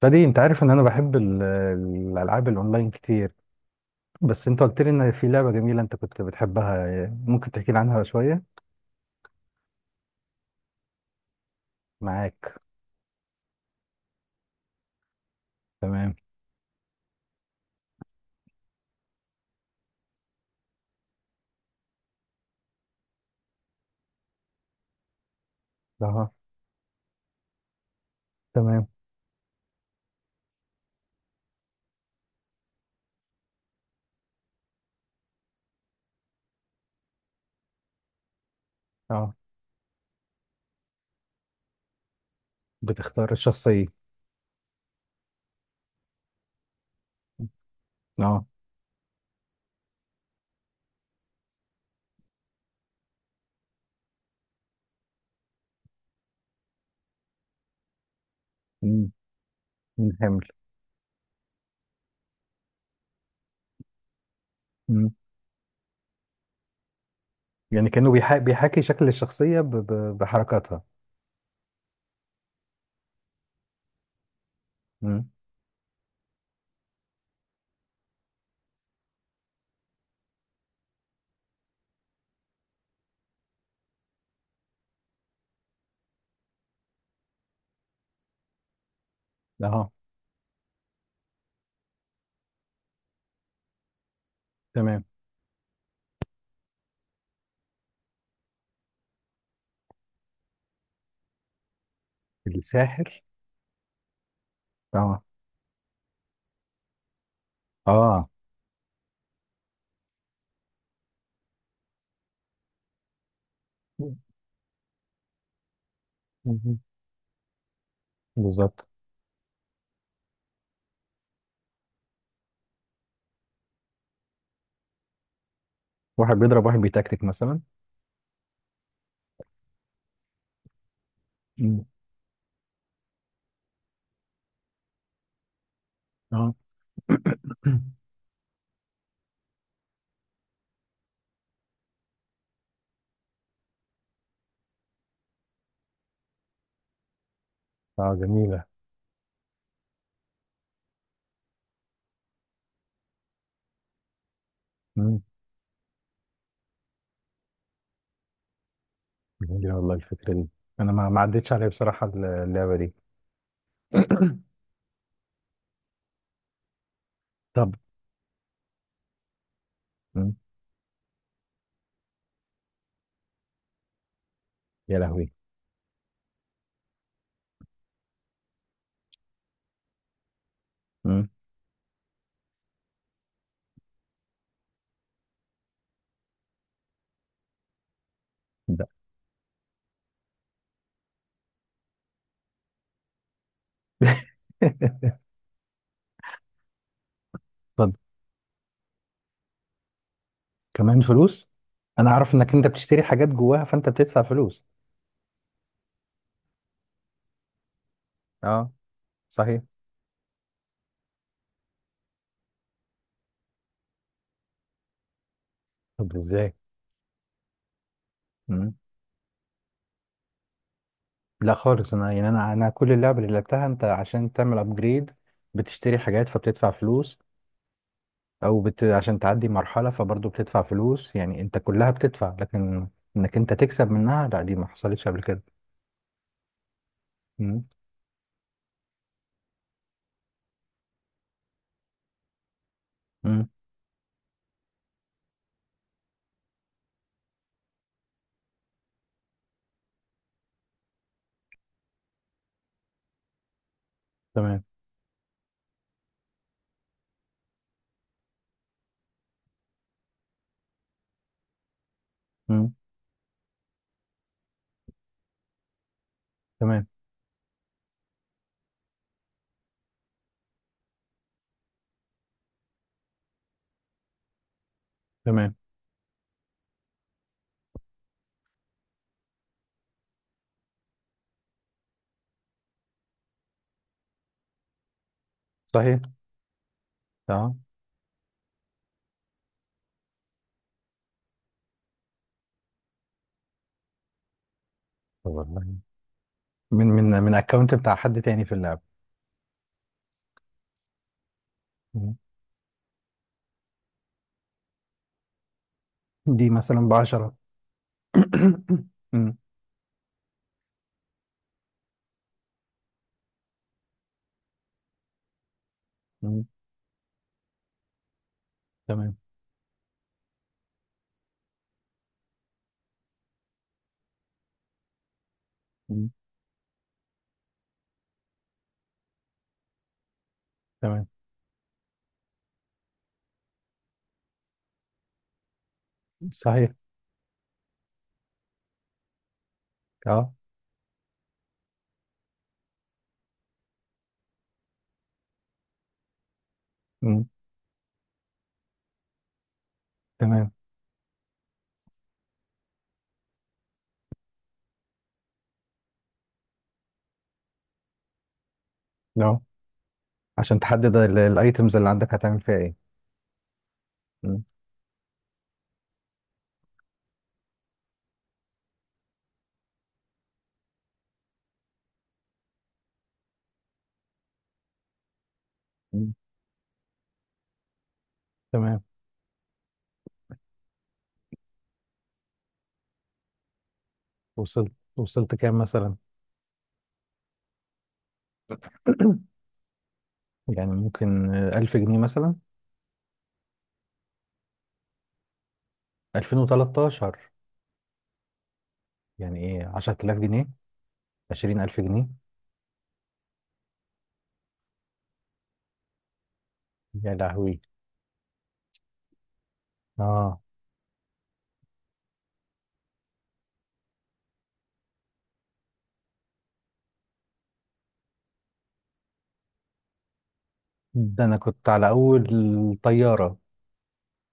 فدي انت عارف ان انا بحب الالعاب الاونلاين كتير. بس انت قلت لي ان في لعبه جميله انت كنت بتحبها، ممكن تحكي لي عنها شويه؟ معاك. تمام. اه، تمام. اه، بتختار الشخصيه. اه. مم. مم، حمل. مم. يعني كانه بيحاكي شكل الشخصيه بحركاتها. مم. اه، تمام. الساحر. اه. اه. مم، بالظبط. واحد بيضرب واحد بيتكتك مثلا. مم. اه. اه، جميله. جميلة والله الفكرة دي. أنا ما عدتش عليا بصراحة اللعبة دي. طب. مم. يا لهوي. مم. لا. اتفضل. كمان فلوس؟ أنا أعرف إنك أنت بتشتري حاجات جواها فأنت بتدفع فلوس. أه، صحيح. طب إزاي؟ مم. لا خالص، أنا يعني أنا كل اللعبة اللي لعبتها أنت عشان تعمل أبجريد بتشتري حاجات فبتدفع فلوس، أو عشان تعدي مرحلة فبرضه بتدفع فلوس، يعني أنت كلها بتدفع، لكن إنك أنت تكسب منها لا، دي ما حصلتش قبل كده. مم. مم. تمام. مم. تمام. تمام. صحيح. اه. طب والله. من اكونت بتاع حد تاني في اللعبة. مم. دي مثلا ب 10. مم. مم. تمام. مم. تمام. صحيح. اه. مم. تمام. لا، عشان تحدد الايتمز اللي عندك هتعمل فيها ايه. مم. مم. تمام. وصلت، وصلت كام مثلا؟ يعني ممكن 1000 جنيه مثلا. 2013، يعني ايه، 10000 جنيه، 20000 جنيه. يا لهوي. اه. ده انا كنت على اول طياره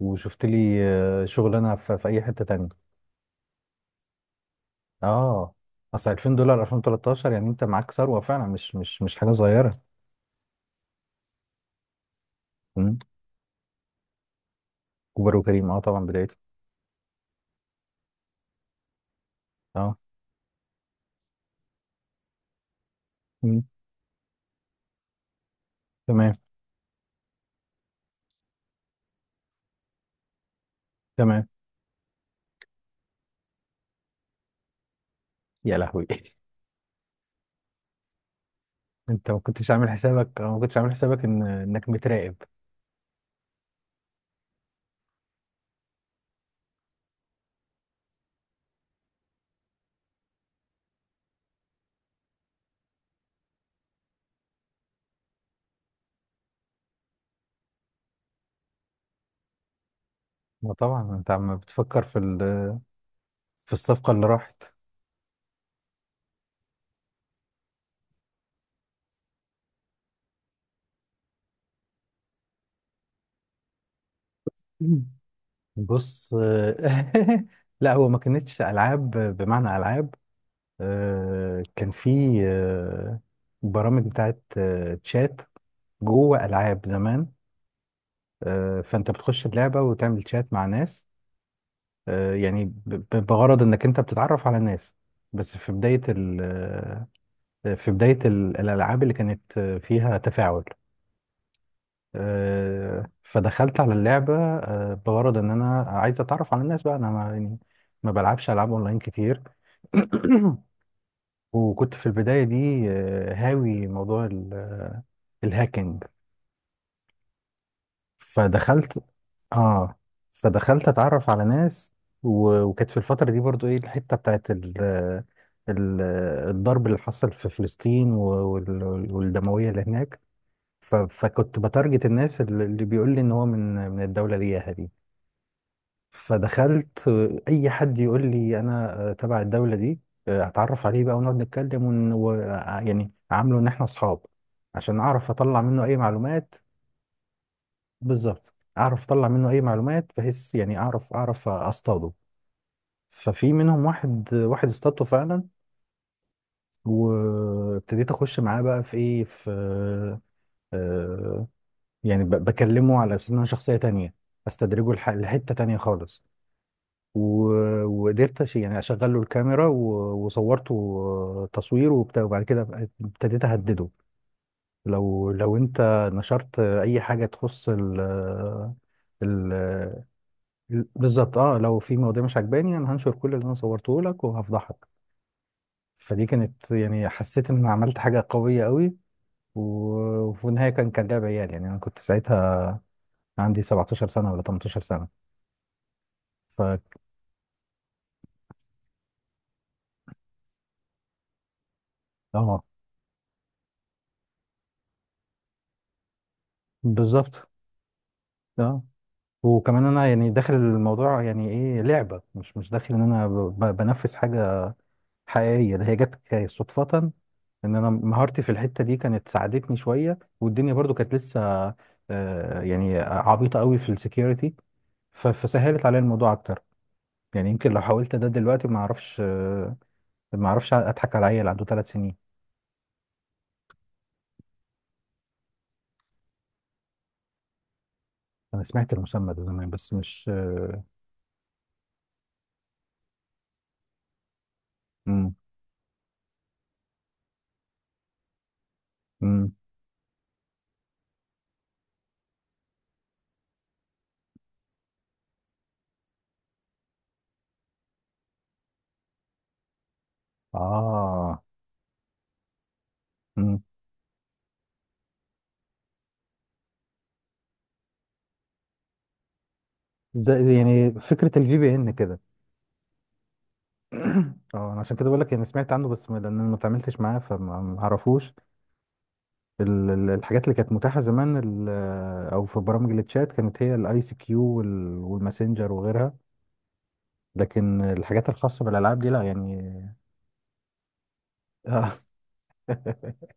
وشفت لي شغلانه في, في اي حته تانية. اه، اصل 2000 دولار 2013 يعني انت معاك ثروه فعلا، مش حاجه صغيره. مم. كبر وكريم، اه طبعا بدايته. اه. مم. تمام. تمام. يا لهوي. انت ما كنتش عامل حسابك، أو ما كنتش عامل حسابك ان انك متراقب؟ ما طبعا انت عم بتفكر في في الصفقه اللي راحت. مم. بص. لا، هو ما كانتش العاب بمعنى العاب، كان في آه، برامج بتاعت تشات جوه ألعاب زمان. فأنت بتخش اللعبة وتعمل تشات مع ناس، يعني بغرض إنك أنت بتتعرف على ناس. بس في بداية ال آه، في بداية الألعاب اللي كانت فيها تفاعل، فدخلت على اللعبة بغرض إن أنا عايز أتعرف على الناس. بقى أنا ما يعني ما بلعبش ألعاب أونلاين كتير. وكنت في البداية دي هاوي موضوع الهاكينج. فدخلت. اه. فدخلت اتعرف على ناس. وكانت في الفترة دي برضو ايه الحتة بتاعت ال... آه، ال... آه، الضرب اللي حصل في فلسطين والدموية اللي هناك. فكنت بتارجت الناس اللي بيقول لي ان هو من الدولة اللي هي دي. فدخلت، اي حد يقول لي انا تبع الدوله دي اتعرف عليه بقى ونقعد نتكلم ون... و... آه، يعني عامله ان احنا اصحاب عشان اعرف اطلع منه اي معلومات. بالظبط، اعرف اطلع منه اي معلومات بحيث يعني اعرف اصطاده. ففي منهم واحد، واحد اصطادته فعلا، وابتديت اخش معاه بقى في ايه في آه، يعني بكلمه على اساس ان انا شخصيه تانية، استدرجه لحته تانية خالص، وقدرت يعني اشغل له الكاميرا وصورته تصوير وبتاع، وبعد كده بقى ابتديت اهدده لو انت نشرت اي حاجه تخص ال بالظبط، اه، لو في مواضيع مش عجباني انا هنشر كل اللي انا صورته لك وهفضحك. فدي كانت يعني حسيت ان أنا عملت حاجه قويه قوي، وفي النهايه كان لعب عيال. يعني انا كنت ساعتها عندي 17 سنه ولا 18 سنه. ف. اه، بالظبط. اه، وكمان انا يعني داخل الموضوع يعني ايه لعبه، مش داخل ان انا بنفذ حاجه حقيقيه. ده هي جت صدفه ان انا مهارتي في الحته دي كانت ساعدتني شويه، والدنيا برضو كانت لسه يعني عبيطه قوي في السكيورتي. فسهلت عليا الموضوع اكتر. يعني يمكن لو حاولت ده دلوقتي ما اعرفش، ما اعرفش اضحك على عيل عنده 3 سنين. انا سمعت المسمى ده زمان بس مش. امم. امم. اه. امم. زي يعني فكره الفي بي ان كده؟ اه، انا عشان كده بقول لك انا سمعت عنه، بس لان انا ما اتعاملتش معاه فما ما اعرفوش. الحاجات اللي كانت متاحه زمان، او في برامج التشات، كانت هي الاي سي كيو والماسنجر وغيرها. لكن الحاجات الخاصه بالالعاب دي لا، يعني. آه.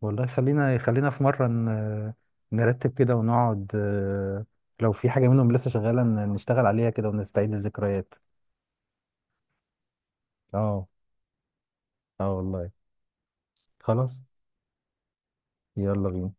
والله، خلينا في مره نرتب كده ونقعد، لو في حاجه منهم لسه شغاله نشتغل عليها كده ونستعيد الذكريات. اه. اه والله. خلاص. يلا بينا.